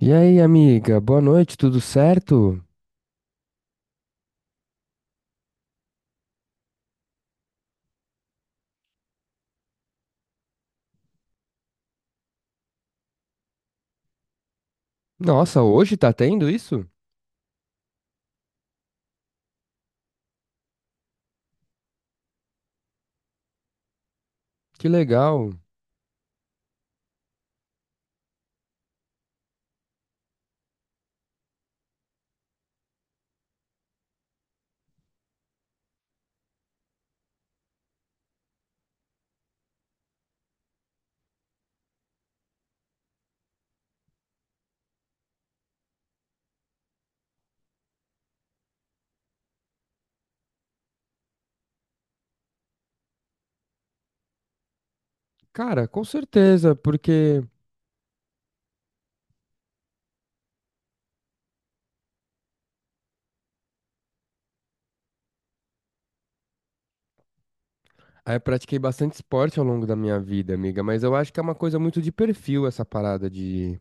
E aí, amiga, boa noite, tudo certo? Nossa, hoje tá tendo isso? Que legal. Cara, com certeza, porque eu pratiquei bastante esporte ao longo da minha vida, amiga, mas eu acho que é uma coisa muito de perfil essa parada de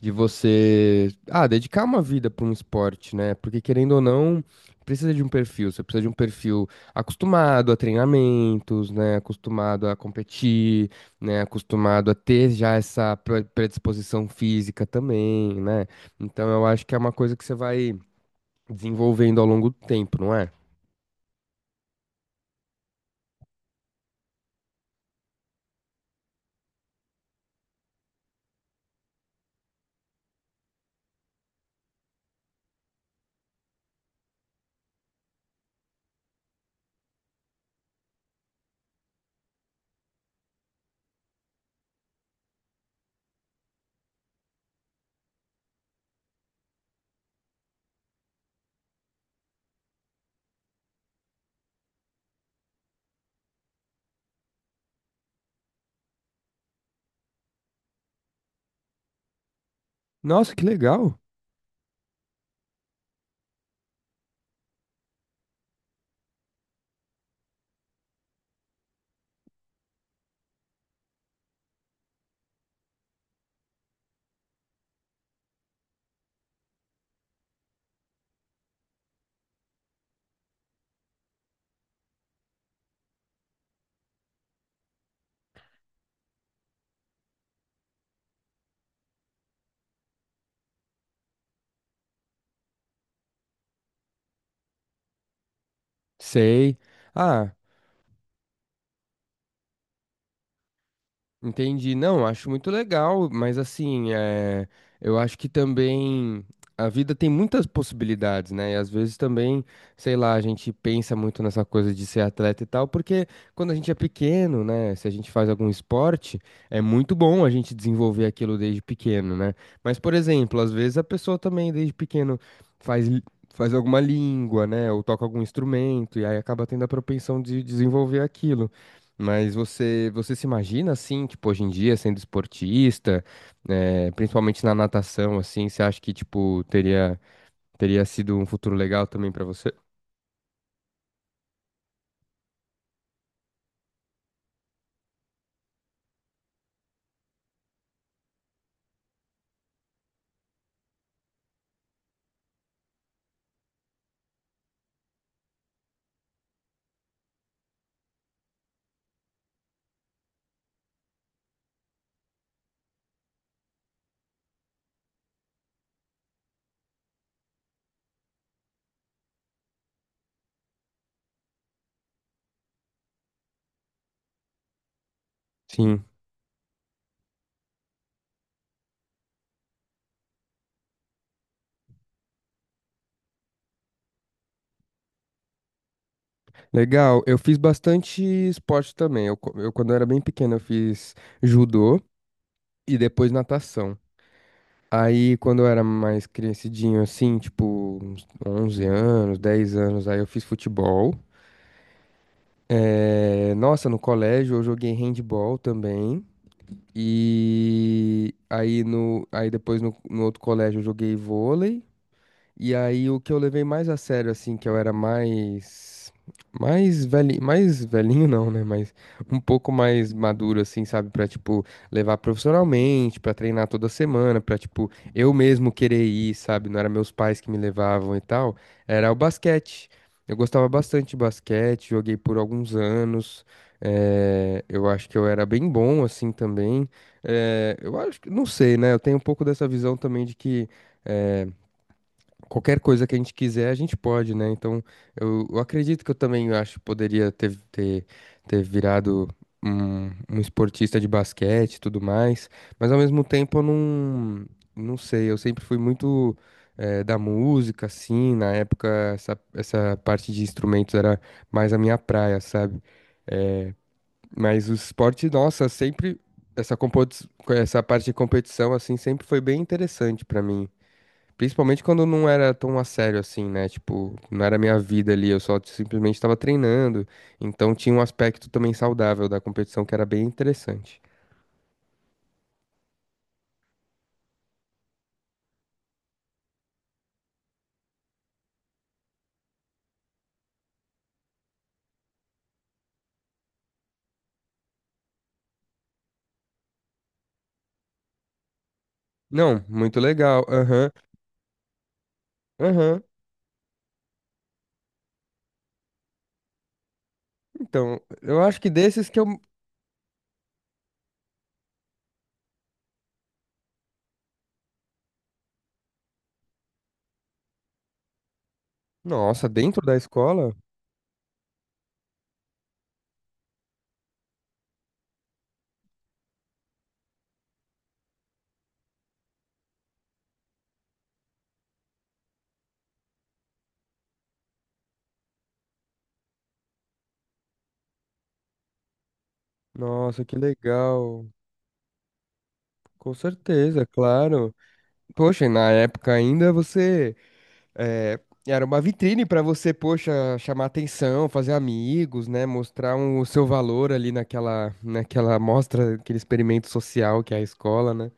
você, dedicar uma vida para um esporte, né? Porque querendo ou não, precisa de um perfil. Você precisa de um perfil acostumado a treinamentos, né? Acostumado a competir, né? Acostumado a ter já essa predisposição física também, né? Então eu acho que é uma coisa que você vai desenvolvendo ao longo do tempo, não é? Nossa, que legal. Sei. Ah. Entendi. Não, acho muito legal, mas assim, eu acho que também a vida tem muitas possibilidades, né? E às vezes também, sei lá, a gente pensa muito nessa coisa de ser atleta e tal, porque quando a gente é pequeno, né? Se a gente faz algum esporte, é muito bom a gente desenvolver aquilo desde pequeno, né? Mas, por exemplo, às vezes a pessoa também desde pequeno faz. Faz alguma língua, né? Ou toca algum instrumento, e aí acaba tendo a propensão de desenvolver aquilo. Mas você se imagina assim, tipo, hoje em dia sendo esportista, principalmente na natação, assim, você acha que, tipo, teria sido um futuro legal também pra você? Sim, legal. Eu fiz bastante esporte também. Eu, quando eu era bem pequeno, eu fiz judô e depois natação. Aí, quando eu era mais crescidinho, assim, tipo, uns 11 anos, 10 anos, aí eu fiz futebol. Nossa, no colégio eu joguei handball também. E aí, aí depois no outro colégio eu joguei vôlei. E aí o que eu levei mais a sério, assim, que eu era mais. Mais velhinho não, né? Mas um pouco mais maduro, assim, sabe? Pra, tipo, levar profissionalmente, pra treinar toda semana, pra, tipo, eu mesmo querer ir, sabe? Não era meus pais que me levavam e tal. Era o basquete. Eu gostava bastante de basquete, joguei por alguns anos. Eu acho que eu era bem bom, assim, também. Eu acho que, não sei, né? Eu tenho um pouco dessa visão também de que. Qualquer coisa que a gente quiser, a gente pode, né? Então, eu acredito que eu também acho que poderia ter virado um esportista de basquete e tudo mais, mas ao mesmo tempo eu não sei, eu sempre fui muito da música, assim, na época essa parte de instrumentos era mais a minha praia, sabe? Mas o esporte, nossa, sempre, essa parte de competição, assim, sempre foi bem interessante pra mim. Principalmente quando não era tão a sério assim, né? Tipo, não era minha vida ali, eu só simplesmente estava treinando. Então tinha um aspecto também saudável da competição que era bem interessante. Não, muito legal. Aham, aham. Então, eu acho que desses que eu. Nossa, dentro da escola? Nossa, que legal. Com certeza, claro. Poxa, e na época ainda você. É, era uma vitrine para você, poxa, chamar atenção, fazer amigos, né? Mostrar o seu valor ali naquela, naquela mostra, aquele experimento social que é a escola, né?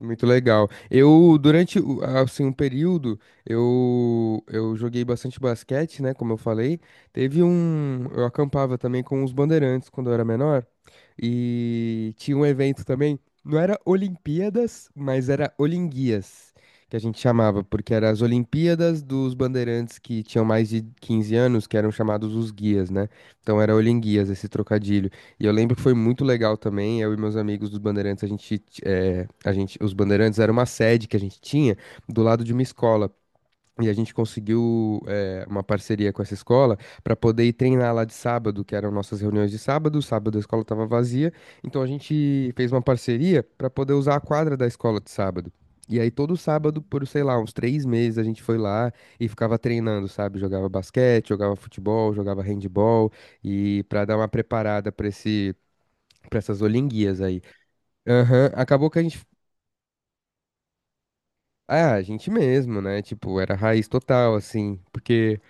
Muito legal. Assim, um período, eu joguei bastante basquete, né, como eu falei. Teve um, eu acampava também com os bandeirantes quando eu era menor. E tinha um evento também, não era Olimpíadas, mas era Olinguias, que a gente chamava, porque eram as Olimpíadas dos bandeirantes que tinham mais de 15 anos, que eram chamados os guias, né? Então era Olinguias, esse trocadilho. E eu lembro que foi muito legal também, eu e meus amigos dos Bandeirantes, a gente, os Bandeirantes era uma sede que a gente tinha do lado de uma escola. E a gente conseguiu, uma parceria com essa escola para poder ir treinar lá de sábado, que eram nossas reuniões de sábado. Sábado a escola estava vazia, então a gente fez uma parceria para poder usar a quadra da escola de sábado. E aí todo sábado, por sei lá, uns três meses, a gente foi lá e ficava treinando, sabe? Jogava basquete, jogava futebol, jogava handball e para dar uma preparada para esse Pra essas olinguias aí. Aham, acabou que a gente. Ah, a gente mesmo, né? Tipo, era raiz total, assim. Porque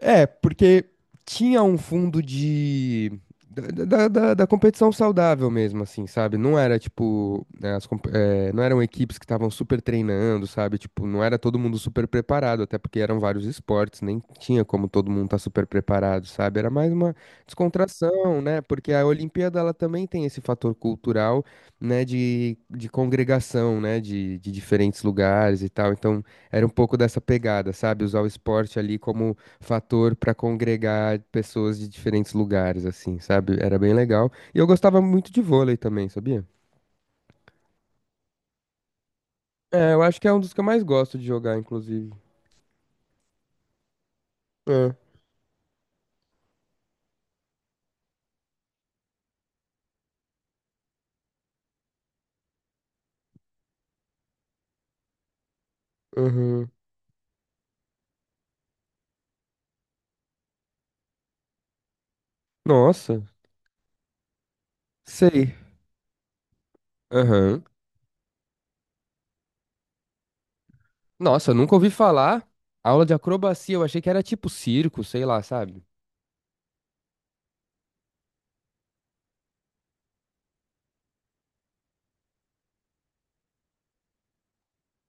É, porque tinha um fundo de. Da competição saudável mesmo, assim, sabe? Não era tipo. Né, as não eram equipes que estavam super treinando, sabe? Tipo, não era todo mundo super preparado, até porque eram vários esportes, nem tinha como todo mundo estar super preparado, sabe? Era mais uma descontração, né? Porque a Olimpíada, ela também tem esse fator cultural, né? De congregação, né? De diferentes lugares e tal. Então, era um pouco dessa pegada, sabe? Usar o esporte ali como fator para congregar pessoas de diferentes lugares, assim, sabe? Era bem legal. E eu gostava muito de vôlei também, sabia? É, eu acho que é um dos que eu mais gosto de jogar, inclusive. É, aham. Nossa, sei. Aham. Nossa, nunca ouvi falar. Aula de acrobacia, eu achei que era tipo circo, sei lá, sabe?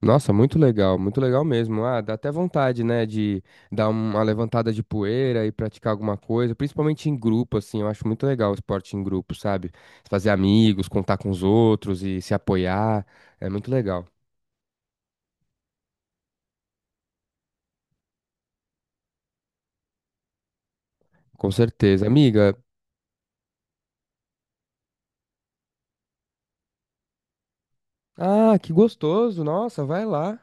Nossa, muito legal mesmo. Ah, dá até vontade, né, de dar uma levantada de poeira e praticar alguma coisa, principalmente em grupo, assim. Eu acho muito legal o esporte em grupo, sabe? Fazer amigos, contar com os outros e se apoiar. É muito legal, com certeza. Amiga, ah, que gostoso. Nossa, vai lá.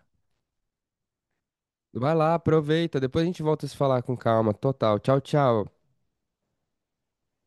Vai lá, aproveita. Depois a gente volta a se falar com calma. Total. Tchau, tchau.